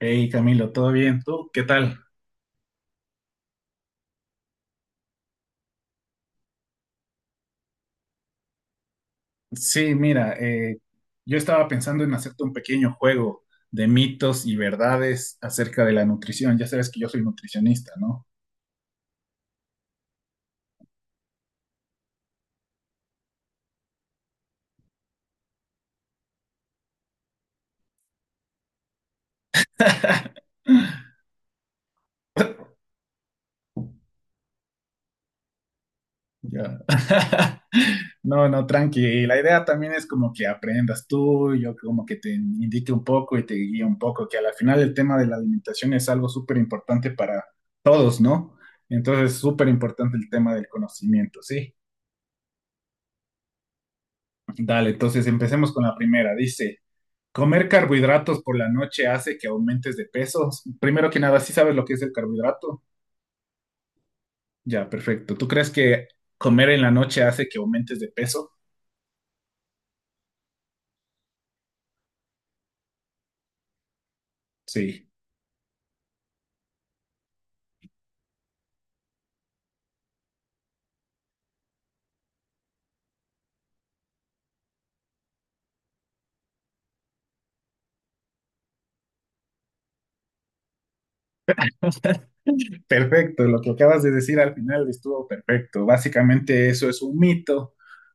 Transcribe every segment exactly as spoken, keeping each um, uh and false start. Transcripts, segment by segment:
Hey Camilo, ¿todo bien? ¿Tú qué tal? Sí, mira, eh, yo estaba pensando en hacerte un pequeño juego de mitos y verdades acerca de la nutrición. Ya sabes que yo soy nutricionista, ¿no? Ya. No, no, tranqui. Y la idea también es como que aprendas tú, yo como que te indique un poco y te guíe un poco, que al final el tema de la alimentación es algo súper importante para todos, ¿no? Entonces, súper importante el tema del conocimiento, ¿sí? Dale, entonces empecemos con la primera. Dice... Comer carbohidratos por la noche hace que aumentes de peso. Primero que nada, ¿sí sabes lo que es el carbohidrato? Ya, perfecto. ¿Tú crees que comer en la noche hace que aumentes de peso? Sí. Perfecto, lo que acabas de decir al final estuvo perfecto. Básicamente eso es un mito,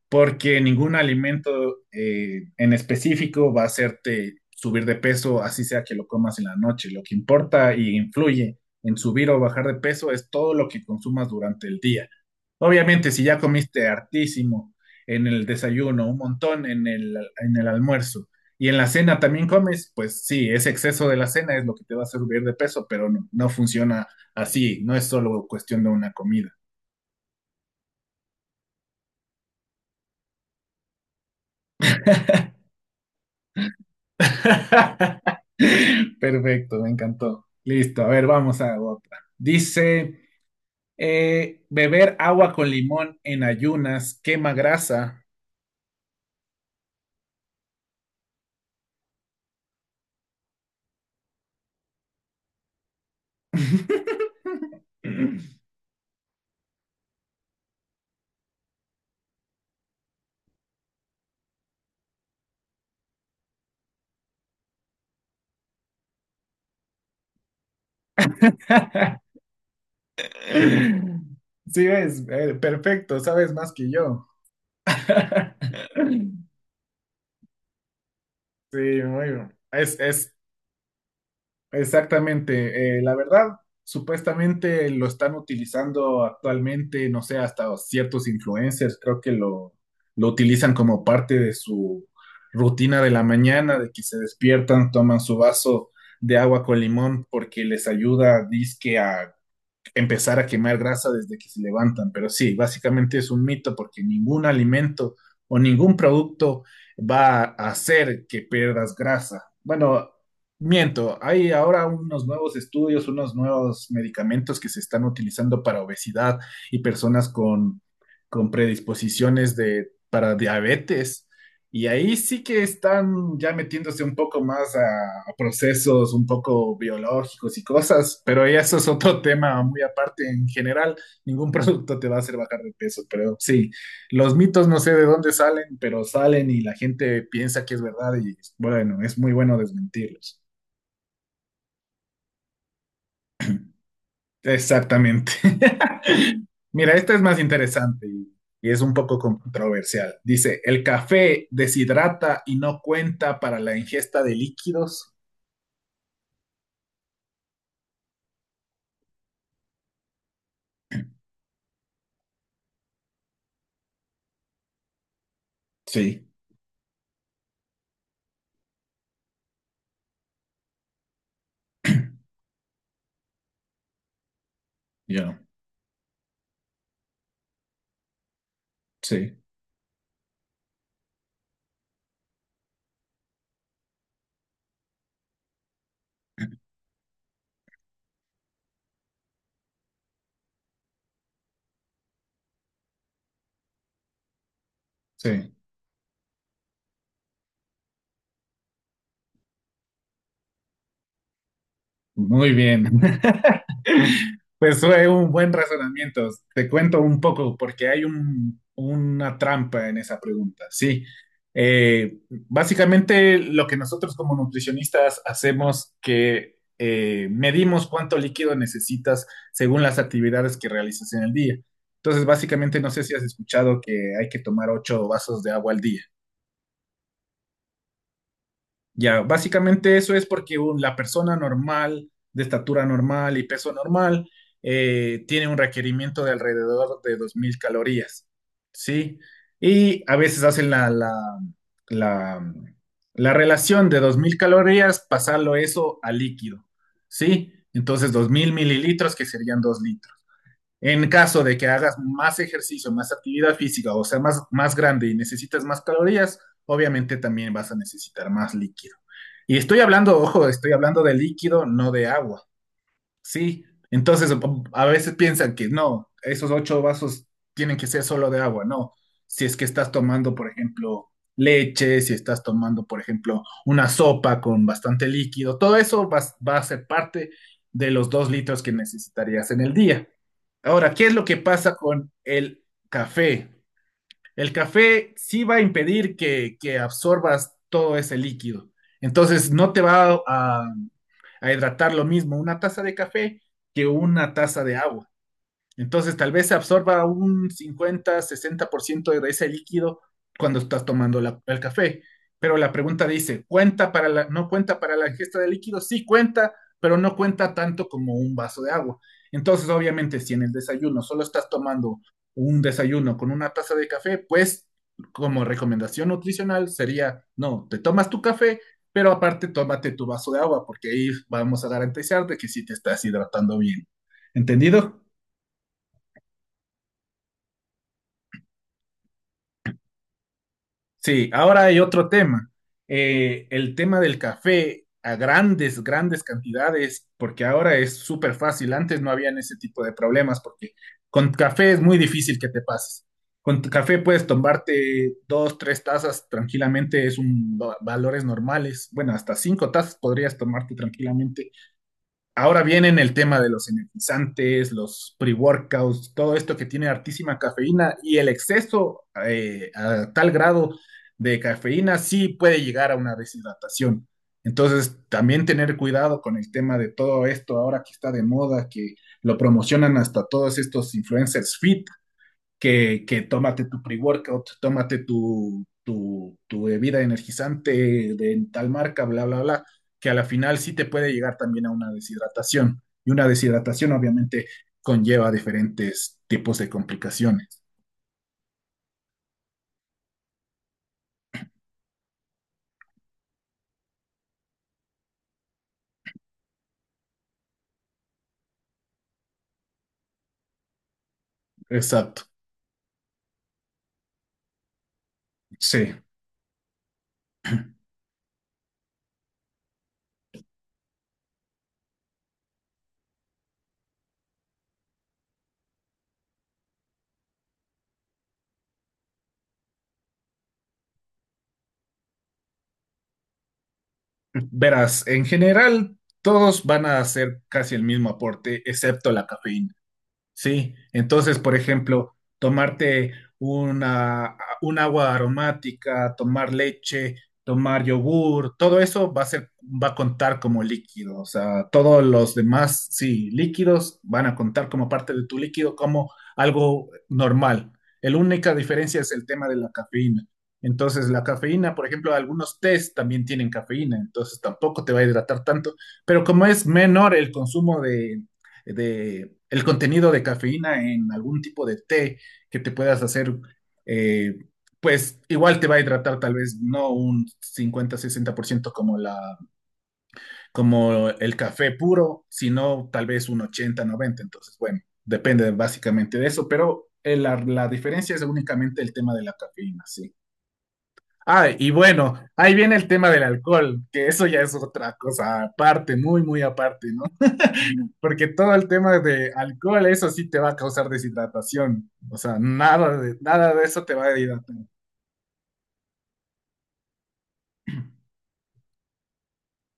porque ningún alimento eh, en específico va a hacerte subir de peso, así sea que lo comas en la noche. Lo que importa y influye en subir o bajar de peso es todo lo que consumas durante el día. Obviamente, si ya comiste hartísimo en el desayuno, un montón en el, en el almuerzo y en la cena también comes, pues sí, ese exceso de la cena es lo que te va a hacer subir de peso, pero no, no funciona así, no es solo cuestión de una comida. Perfecto, me encantó. Listo, a ver, vamos a otra. Dice, eh, beber agua con limón en ayunas quema grasa. Sí, es eh, perfecto, sabes más que yo. Sí, muy bien. Es, es exactamente. eh, la verdad, supuestamente lo están utilizando actualmente, no sé, hasta ciertos influencers, creo que lo, lo utilizan como parte de su rutina de la mañana, de que se despiertan, toman su vaso de agua con limón porque les ayuda, dizque, a empezar a quemar grasa desde que se levantan, pero sí, básicamente es un mito porque ningún alimento o ningún producto va a hacer que pierdas grasa. Bueno, miento, hay ahora unos nuevos estudios, unos nuevos medicamentos que se están utilizando para obesidad y personas con, con predisposiciones de, para diabetes y ahí sí que están ya metiéndose un poco más a, a procesos un poco biológicos y cosas, pero ya eso es otro tema muy aparte. En general, ningún producto te va a hacer bajar de peso, pero sí, los mitos no sé de dónde salen, pero salen y la gente piensa que es verdad y bueno, es muy bueno desmentirlos. Exactamente. Mira, esta es más interesante y, y es un poco controversial. Dice, ¿el café deshidrata y no cuenta para la ingesta de líquidos? Sí, yo, sí, sí. Muy bien. Pues fue un buen razonamiento. Te cuento un poco porque hay un- una trampa en esa pregunta. Sí. Eh, básicamente lo que nosotros como nutricionistas hacemos que eh, medimos cuánto líquido necesitas según las actividades que realizas en el día. Entonces, básicamente no sé si has escuchado que hay que tomar ocho vasos de agua al día. Ya, básicamente eso es porque un- la persona normal, de estatura normal y peso normal, eh, tiene un requerimiento de alrededor de dos mil calorías, ¿sí? Y a veces hacen la, la, la, la relación de dos mil calorías, pasarlo eso a líquido, ¿sí? Entonces dos mil mililitros, que serían dos litros. En caso de que hagas más ejercicio, más actividad física, o sea, más, más grande y necesitas más calorías, obviamente también vas a necesitar más líquido. Y estoy hablando, ojo, estoy hablando de líquido, no de agua. Sí, entonces mm, a veces piensan que no, esos ocho vasos tienen que ser solo de agua, no. Si es que estás tomando, por ejemplo, leche, si estás tomando, por ejemplo, una sopa con bastante líquido, todo eso va, va a ser parte de los dos litros que necesitarías en el día. Ahora, ¿qué es lo que pasa con el café? El café sí va a impedir que, que absorbas todo ese líquido. Entonces, no te va a, a hidratar lo mismo una taza de café que una taza de agua. Entonces, tal vez se absorba un cincuenta, sesenta por ciento de ese líquido cuando estás tomando la- el café. Pero la pregunta dice, ¿cuenta para la, no cuenta para la ingesta de líquido? Sí cuenta, pero no cuenta tanto como un vaso de agua. Entonces, obviamente, si en el desayuno solo estás tomando un desayuno con una taza de café, pues como recomendación nutricional sería, no, te tomas tu café, pero aparte tómate tu vaso de agua, porque ahí vamos a garantizar de que sí te estás hidratando bien. ¿Entendido? Sí, ahora hay otro tema. Eh, el tema del café a grandes, grandes cantidades, porque ahora es súper fácil. Antes no habían ese tipo de problemas, porque con café es muy difícil que te pases. Con tu café puedes tomarte dos, tres tazas tranquilamente, es un va- valores normales. Bueno, hasta cinco tazas podrías tomarte tranquilamente. Ahora vienen el tema de los energizantes, los pre-workouts, todo esto que tiene altísima cafeína y el exceso eh, a tal grado de cafeína sí puede llegar a una deshidratación. Entonces, también tener cuidado con el tema de todo esto ahora que está de moda, que lo promocionan hasta todos estos influencers fit, que, que tómate tu pre-workout, tómate tu, tu, tu bebida energizante de tal marca, bla, bla, bla, que a la final sí te puede llegar también a una deshidratación. Y una deshidratación obviamente conlleva diferentes tipos de complicaciones. Exacto, sí. Verás, en general todos van a hacer casi el mismo aporte, excepto la cafeína. Sí, entonces, por ejemplo, tomarte una, un agua aromática, tomar leche, tomar yogur, todo eso va a ser, va a contar como líquido. O sea, todos los demás, sí, líquidos van a contar como parte de tu líquido, como algo normal. La única diferencia es el tema de la cafeína. Entonces, la cafeína, por ejemplo, algunos tés también tienen cafeína, entonces tampoco te va a hidratar tanto, pero como es menor el consumo de el contenido de cafeína en algún tipo de té que te puedas hacer, eh, pues igual te va a hidratar tal vez no un cincuenta a sesenta por ciento como, la, como el café puro, sino tal vez un ochenta-noventa por ciento. Entonces, bueno, depende básicamente de eso, pero la, la diferencia es únicamente el tema de la cafeína, sí. Ah, y bueno, ahí viene el tema del alcohol, que eso ya es otra cosa aparte, muy, muy aparte, ¿no? Porque todo el tema de alcohol, eso sí te va a causar deshidratación. O sea, nada de, nada de eso te va a hidratar.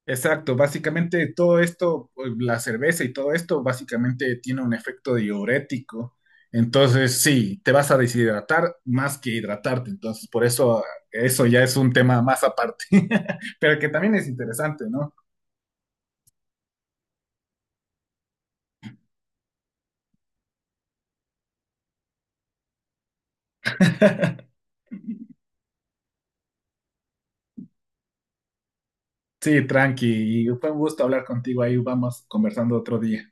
Exacto, básicamente todo esto, pues, la cerveza y todo esto, básicamente tiene un efecto diurético. Entonces, sí, te vas a deshidratar más que hidratarte. Entonces, por eso, eso ya es un tema más aparte, pero que también es interesante, ¿no? Sí, tranqui. Y fue un gusto hablar contigo ahí. Vamos conversando otro día.